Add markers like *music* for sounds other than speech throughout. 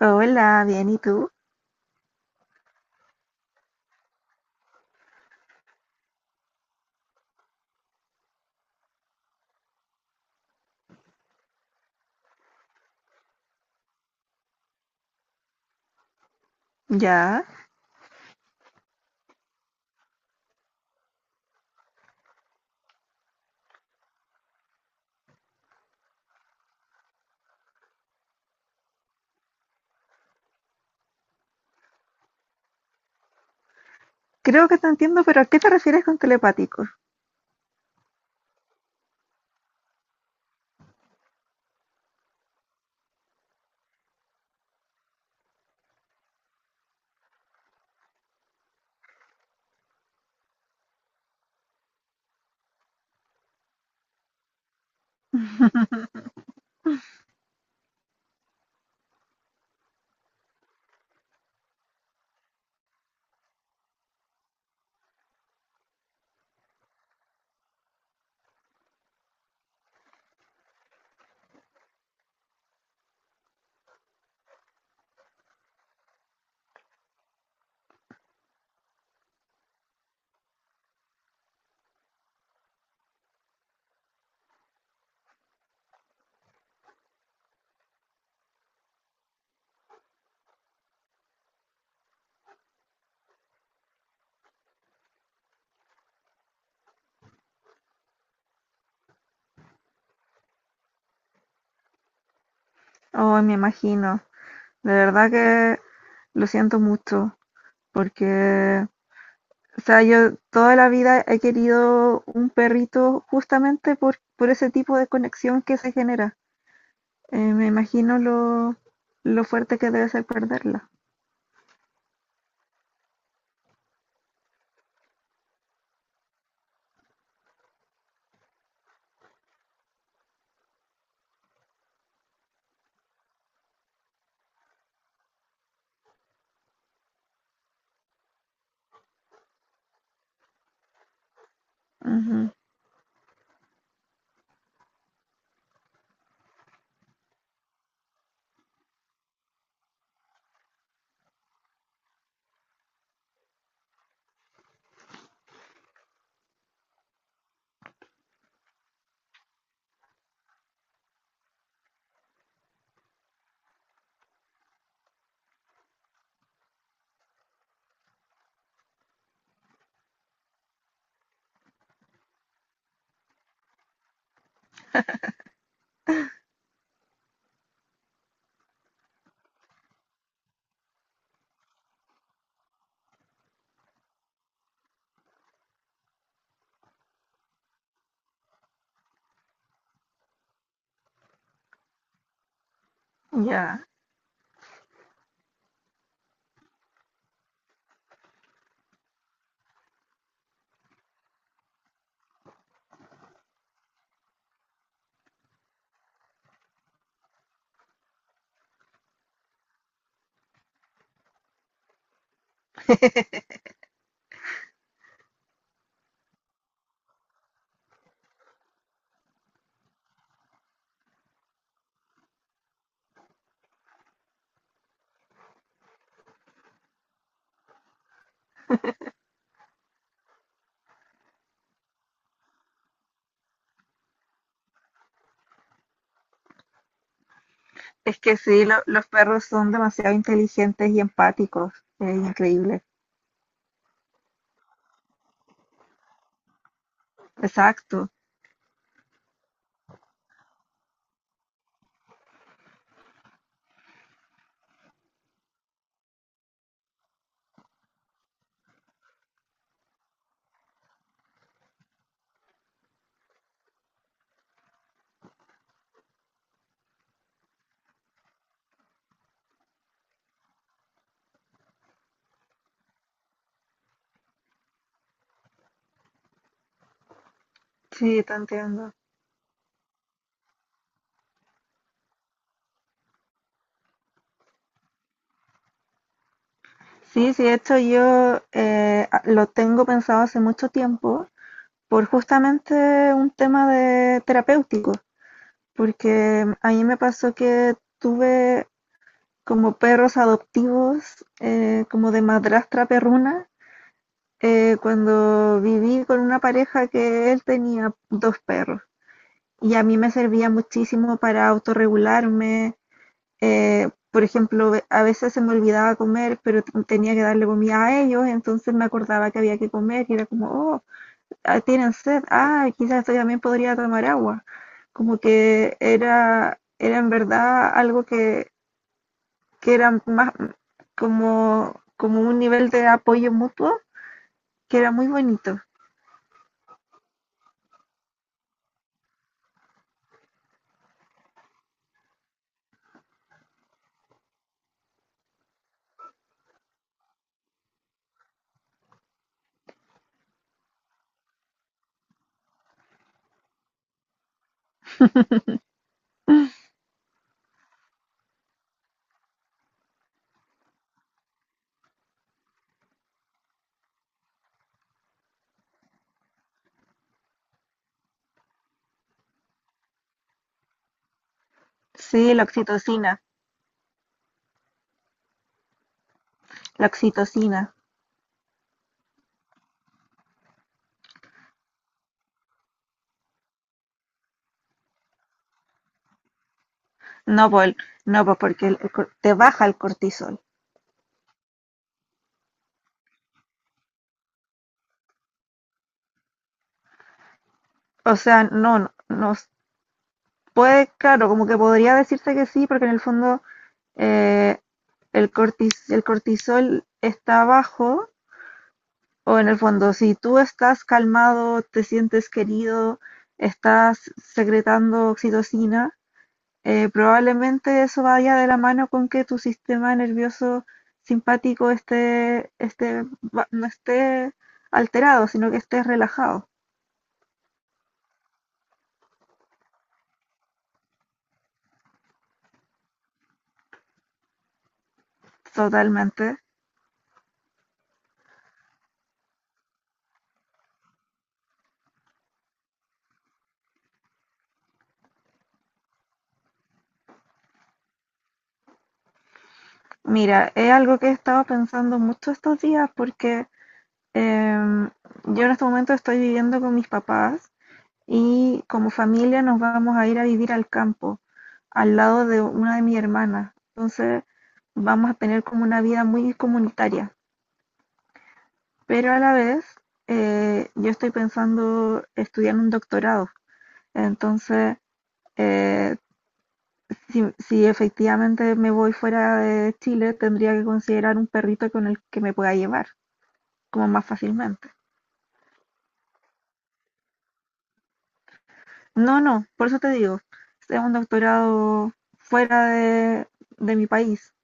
Hola, bien, ¿y tú? Ya. Creo que te entiendo, pero ¿a qué te refieres con telepático? *laughs* Oh, me imagino. De verdad que lo siento mucho, porque, o sea, yo toda la vida he querido un perrito justamente por ese tipo de conexión que se genera. Me imagino lo fuerte que debe ser perderla. Ujú. Ya. Es que sí, los perros son demasiado inteligentes y empáticos. Es increíble. Exacto. Sí, te entiendo. Sí, sí, de hecho yo lo tengo pensado hace mucho tiempo por justamente un tema de terapéutico, porque a mí me pasó que tuve como perros adoptivos, como de madrastra perruna, cuando viví con una pareja que él tenía dos perros y a mí me servía muchísimo para autorregularme, por ejemplo, a veces se me olvidaba comer, pero tenía que darle comida a ellos, entonces me acordaba que había que comer y era como, oh, ah, tienen sed, ah, quizás yo también podría tomar agua. Como que era, era en verdad algo que era más como, como un nivel de apoyo mutuo que era muy bonito. Sí, la oxitocina, la oxitocina. No, pues, no, pues porque te baja el cortisol. O sea, no, no, no, puede, claro, como que podría decirse que sí, porque en el fondo eh, el cortisol está bajo, o en el fondo, si tú estás calmado, te sientes querido, estás secretando oxitocina, probablemente eso vaya de la mano con que tu sistema nervioso simpático no esté alterado, sino que estés relajado totalmente. Mira, es algo que he estado pensando mucho estos días porque Em, yo en este momento estoy viviendo con mis papás y como familia nos vamos a ir a vivir al campo, al lado de una de mis hermanas. Entonces vamos a tener como una vida muy comunitaria, pero a la vez yo estoy pensando estudiar un doctorado. Entonces, eh, si efectivamente me voy fuera de Chile, tendría que considerar un perrito con el que me pueda llevar, como más fácilmente. No, no, por eso te digo, es un doctorado fuera de, de mi país.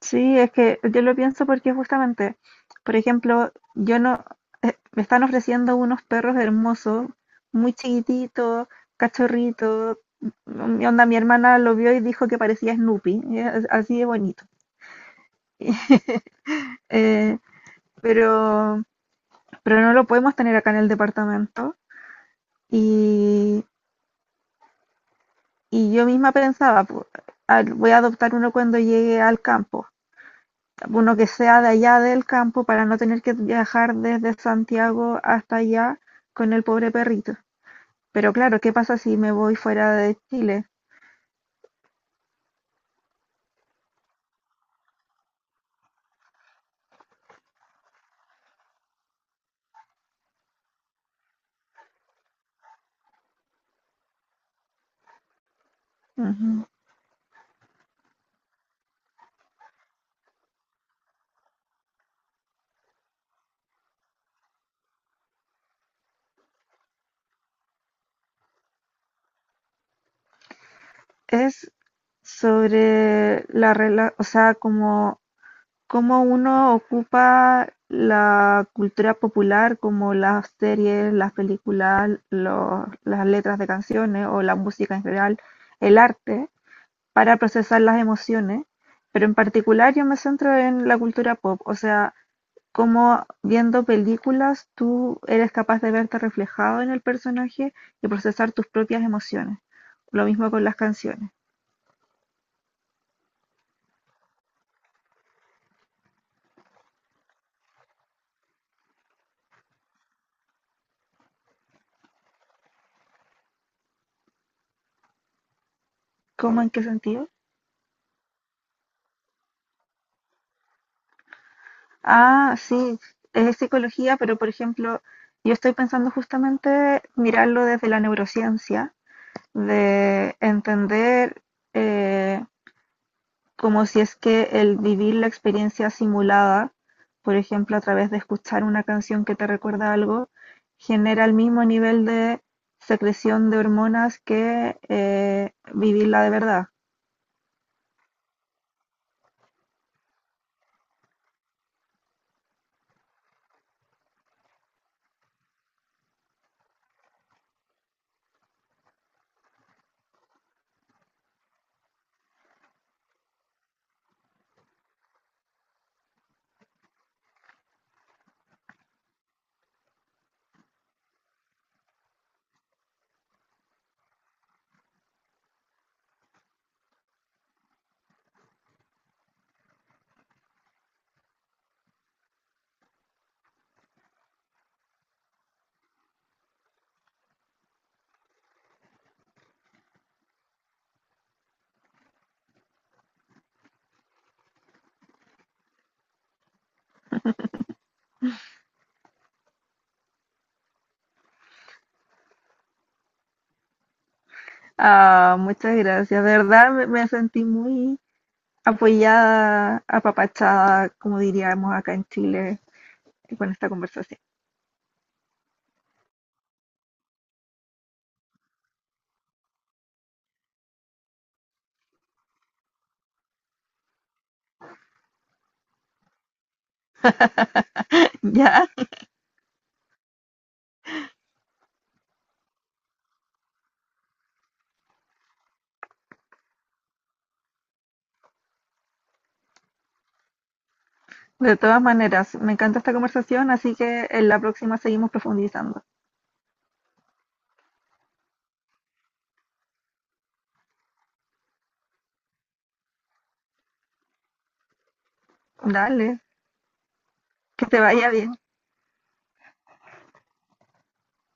Sí, es que yo lo pienso porque justamente, por ejemplo, yo no, me están ofreciendo unos perros hermosos, muy chiquititos, cachorritos. Mi onda, mi hermana lo vio y dijo que parecía Snoopy, y es así de bonito. *laughs* Eh, pero, pero no lo podemos tener acá en el departamento. Y, y yo misma pensaba, voy a adoptar uno cuando llegue al campo, uno que sea de allá del campo para no tener que viajar desde Santiago hasta allá con el pobre perrito. Pero claro, ¿qué pasa si me voy fuera de Chile? Ujú. Es o sea, como cómo uno ocupa la cultura popular, como las series, las películas, las letras de canciones o la música en general, el arte para procesar las emociones, pero en particular yo me centro en la cultura pop, o sea, cómo viendo películas tú eres capaz de verte reflejado en el personaje y procesar tus propias emociones. Lo mismo con las canciones. ¿Cómo, en qué sentido? Ah, sí, es psicología, pero por ejemplo, yo estoy pensando justamente mirarlo desde la neurociencia, de entender eh, como si es que el vivir la experiencia simulada, por ejemplo, a través de escuchar una canción que te recuerda algo, genera el mismo nivel de secreción de hormonas que vivirla de verdad. Ah, muchas gracias. De verdad me sentí muy apoyada, apapachada, como diríamos acá en Chile, con esta conversación. *laughs* Ya, de todas maneras, me encanta esta conversación, así que en la próxima seguimos profundizando. Dale, que te vaya bien.